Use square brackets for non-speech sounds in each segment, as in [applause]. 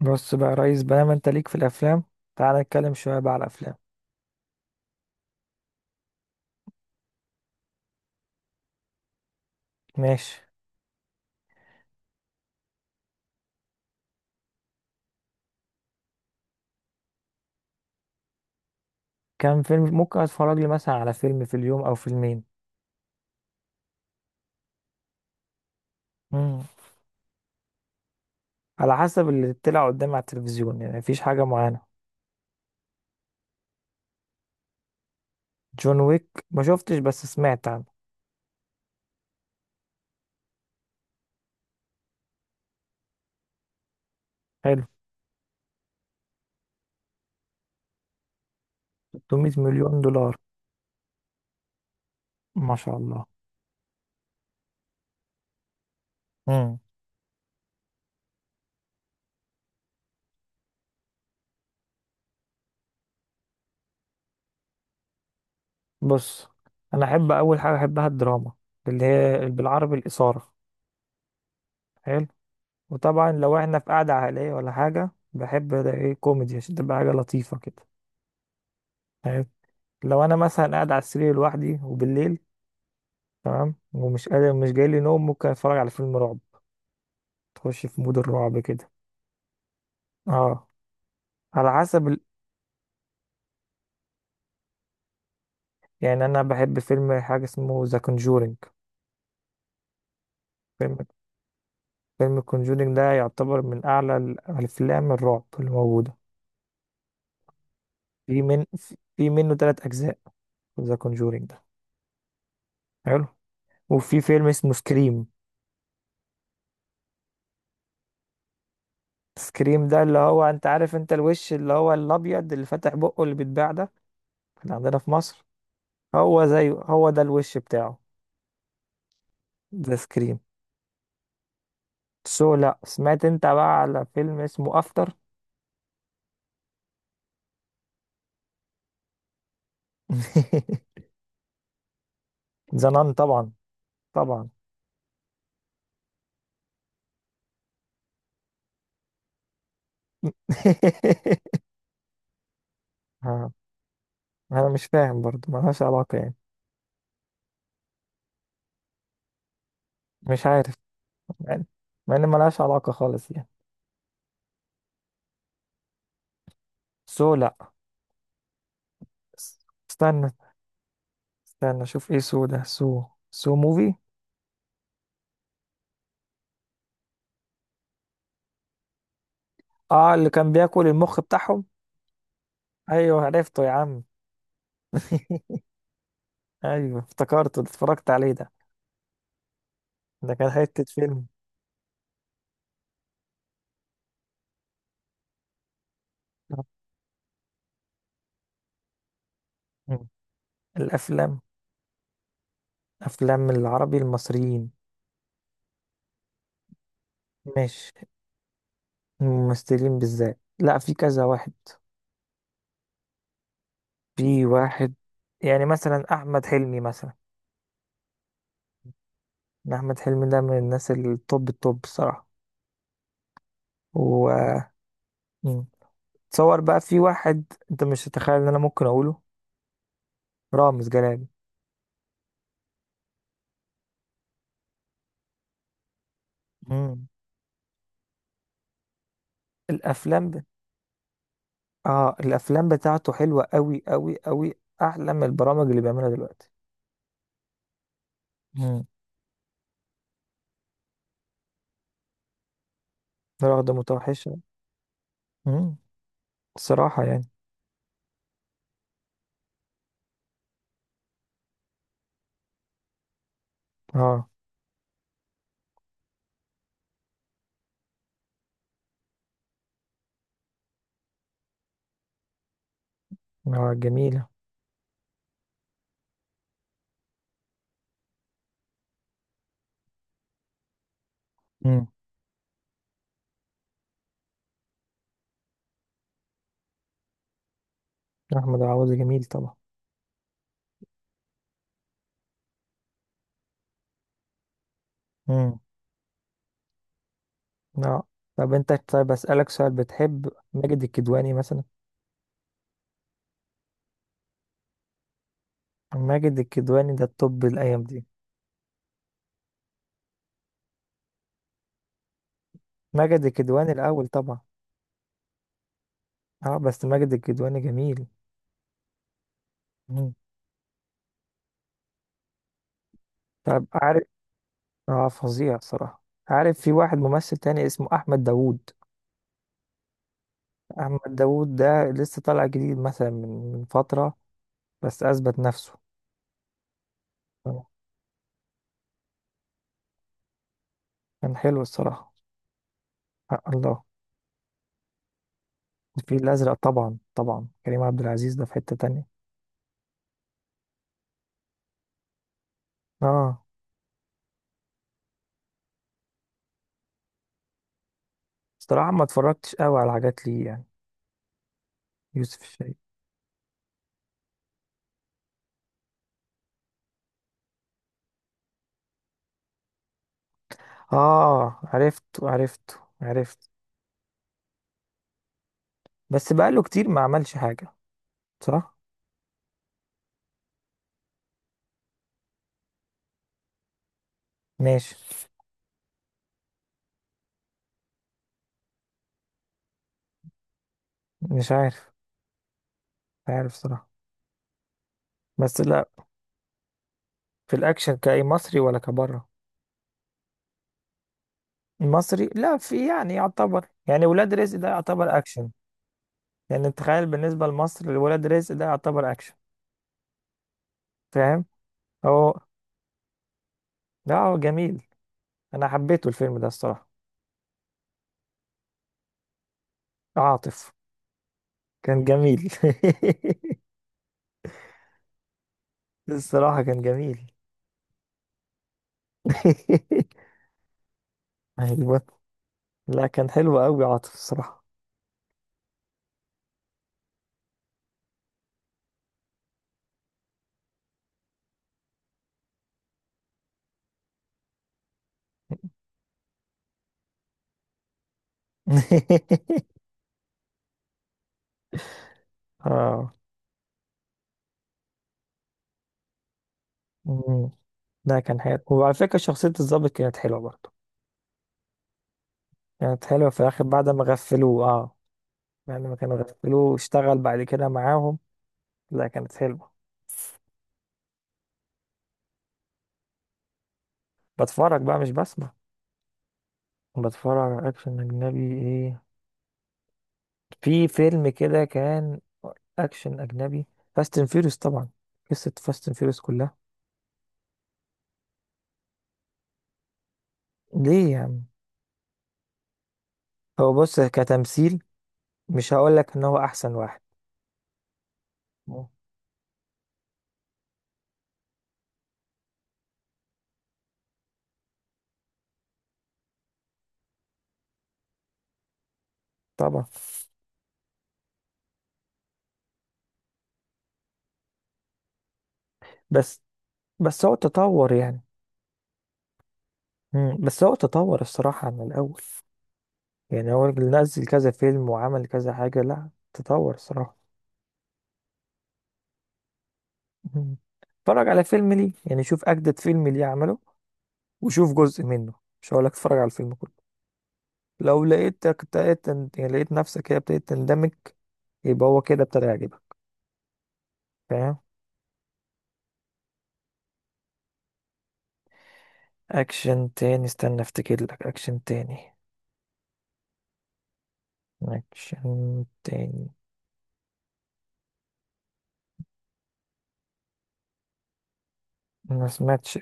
بص بقى يا ريس بقى، انت ليك في الافلام. تعال نتكلم شويه بقى على الافلام. ماشي. كام فيلم؟ ممكن اتفرج لي مثلا على فيلم في اليوم او فيلمين. مم. على حسب اللي طلع قدامي على التلفزيون، يعني مفيش حاجه معينه. جون ويك ما شفتش بس سمعت عنه. حلو. 300 مليون دولار. ما شاء الله. مم. بص، انا احب اول حاجه احبها الدراما، اللي هي بالعربي الاثاره. حلو. وطبعا لو احنا في قعده عائليه ولا حاجه بحب ده، ايه، كوميدي عشان تبقى حاجه لطيفه كده. لو انا مثلا قاعد على السرير لوحدي وبالليل، تمام، ومش قادر مش جاي لي نوم، ممكن اتفرج على فيلم رعب، تخش في مود الرعب كده. اه. على حسب ال... يعني انا بحب فيلم حاجه اسمه ذا كونجورينج. فيلم فيلم كونجورينج ده يعتبر من اعلى الافلام الرعب اللي موجوده. في من في منه ثلاث اجزاء، ذا كونجورينج ده. حلو. وفي فيلم اسمه سكريم. سكريم ده اللي هو، انت عارف، الوش اللي هو الابيض اللي فاتح بقه اللي بيتباع ده، كان عندنا في مصر. هو زيه، هو ده الوش بتاعه. ذا سكريم. سو، لا. سمعت انت بقى على فيلم اسمه افتر؟ [laughs] زنان، طبعا طبعا. [laughs] ها. انا مش فاهم برضو، ملهاش علاقة يعني. مش عارف يعني، مع ان ملهاش علاقة خالص يعني. سو، لا. استنى، اشوف ايه سو ده. سو، سو موفي. اه اللي كان بياكل المخ بتاعهم. ايوه عرفته يا عم. [laughs] ايوه افتكرته، ده اتفرجت عليه ده. ده كان حتة فيلم. مم. الافلام. افلام العربي المصريين. ماشي. ممثلين بالذات، لا، في كذا واحد. في واحد يعني، مثلا احمد حلمي مثلا. احمد حلمي ده من الناس التوب التوب الصراحه. و مم. تصور بقى، في واحد انت مش تتخيل ان انا ممكن اقوله. رامز جلال. مم. الافلام ب... اه الافلام بتاعته حلوه قوي قوي قوي. احلى من البرامج اللي بيعملها دلوقتي. مم. واخده متوحشه. مم. الصراحه يعني. اه. اه جميله. مم. احمد عوضي جميل طبعا. مم. اه. طب انت، طيب اسألك سؤال، بتحب ماجد الكدواني مثلا؟ ماجد الكدواني ده التوب الايام دي. ماجد الكدواني الاول طبعا. اه بس ماجد الكدواني جميل. مم. طب عارف. اه فظيع صراحة. عارف في واحد ممثل تاني اسمه احمد داوود. احمد داوود ده لسه طالع جديد مثلا، من فترة، بس اثبت نفسه. آه، كان حلو الصراحة. آه الله. الفيل الازرق طبعا، طبعا كريم عبد العزيز ده في حتة تانية. اه. صراحة ما اتفرجتش قوي على حاجات ليه يعني. يوسف الشريف. اه عرفته، عرفته، عرفته. بس بقاله كتير ما عملش حاجة. صح. ماشي. مش عارف. مش عارف صراحة. بس لا، في الاكشن كأي مصري ولا كبره. المصري لا، في يعني يعتبر، يعني ولاد رزق ده يعتبر اكشن. يعني تخيل بالنسبة لمصر، ولاد رزق ده يعتبر اكشن. فاهم. هو، لا هو جميل. انا حبيته الفيلم ده الصراحة. عاطف. كان جميل. [laughs] الصراحة كان جميل. [laughs] ايوه. لا كان حلو قوي، عاطف الصراحة. [laughs] اه. مم. ده كان حلو، وعلى فكرة شخصية الضابط كانت حلوة برضه. كانت حلوة في الآخر بعد ما غفلوه، اه. بعد ما كانوا غفلوه واشتغل بعد كده معاهم. لا كانت حلوة. بتفرج بقى، مش بسمع. بتفرج على أكشن أجنبي إيه؟ في فيلم كده كان. أكشن أجنبي، فاست اند فيوريوس طبعا. قصة فاست اند فيوريوس كلها. ليه يا عم؟ هو بص كتمثيل، مش هقولك إن هو أحسن واحد. طبعا. بس، بس هو تطور يعني. مم. بس هو تطور الصراحة عن الأول، يعني هو اللي نزل كذا فيلم وعمل كذا حاجة، لا تطور الصراحة. مم. اتفرج على فيلم ليه، يعني شوف أجدد فيلم ليه عمله، وشوف جزء منه. مش هقولك اتفرج على الفيلم كله. لو لقيتك ابتديت يعني لقيت نفسك هي ابتديت تندمج، يبقى هو كده ابتدى يعجبك. فاهم. أكشن تاني، استنى افتكر لك أكشن تاني. أكشن تاني. ما سمعتش.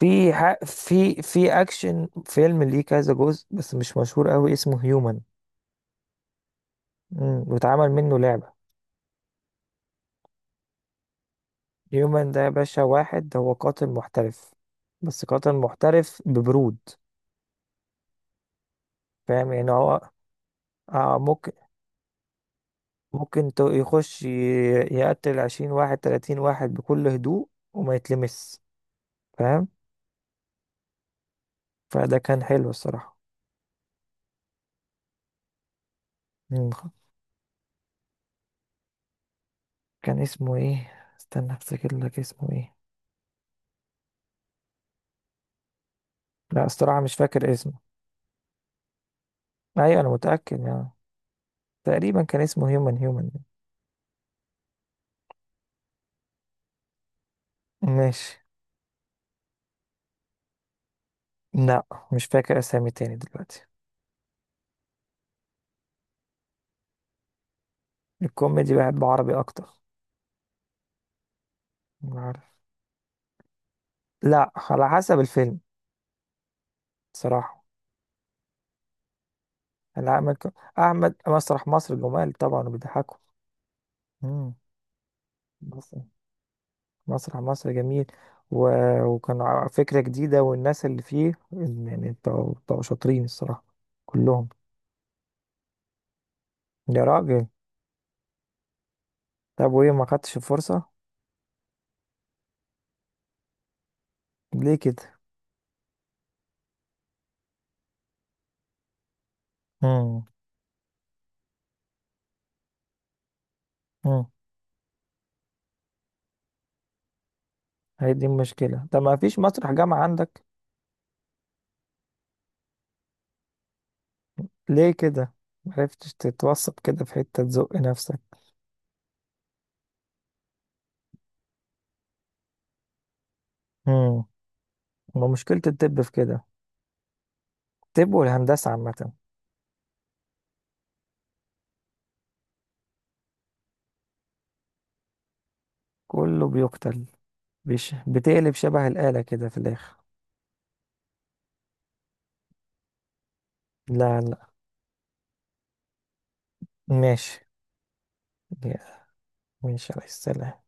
في اكشن فيلم ليه كذا جزء بس مش مشهور قوي، اسمه هيومن. واتعمل منه لعبة. هيومن ده يا باشا، واحد هو قاتل محترف، بس قاتل محترف ببرود. فاهم يعني هو. آه ممكن. ممكن تو- يخش ي- يقتل 20 واحد 30 واحد بكل هدوء وما يتلمس. فاهم. فده كان حلو الصراحة. مم. كان اسمه ايه؟ استنى افتكر لك اسمه ايه. لا الصراحة مش فاكر اسمه. ايوه انا متأكد يعني. تقريبا كان اسمه هيومن هيومن. ماشي. لا مش فاكر اسامي تاني دلوقتي. الكوميدي بحب عربي اكتر. مش عارف. لا على حسب الفيلم صراحة. انا احمد احمد مسرح مصر جمال طبعا وبيضحكوا. مم. مصر، مسرح مصر جميل. و... وكان فكرة جديدة، والناس اللي فيه يعني بتوع شاطرين الصراحة كلهم. يا راجل. طب وايه ما خدتش الفرصة؟ ليه كده. مم. مم. هي دي المشكلة، طب ما فيش مسرح جامعة عندك؟ ليه كده؟ معرفتش تتوثق كده في حتة تزق نفسك. امم. ما مشكلة الطب في كده. الطب والهندسة عامة. كله بيقتل. بتقلب شبه الآلة كده في الآخر. لا لا. ماشي. يا- ماشي يا ريس، سلام.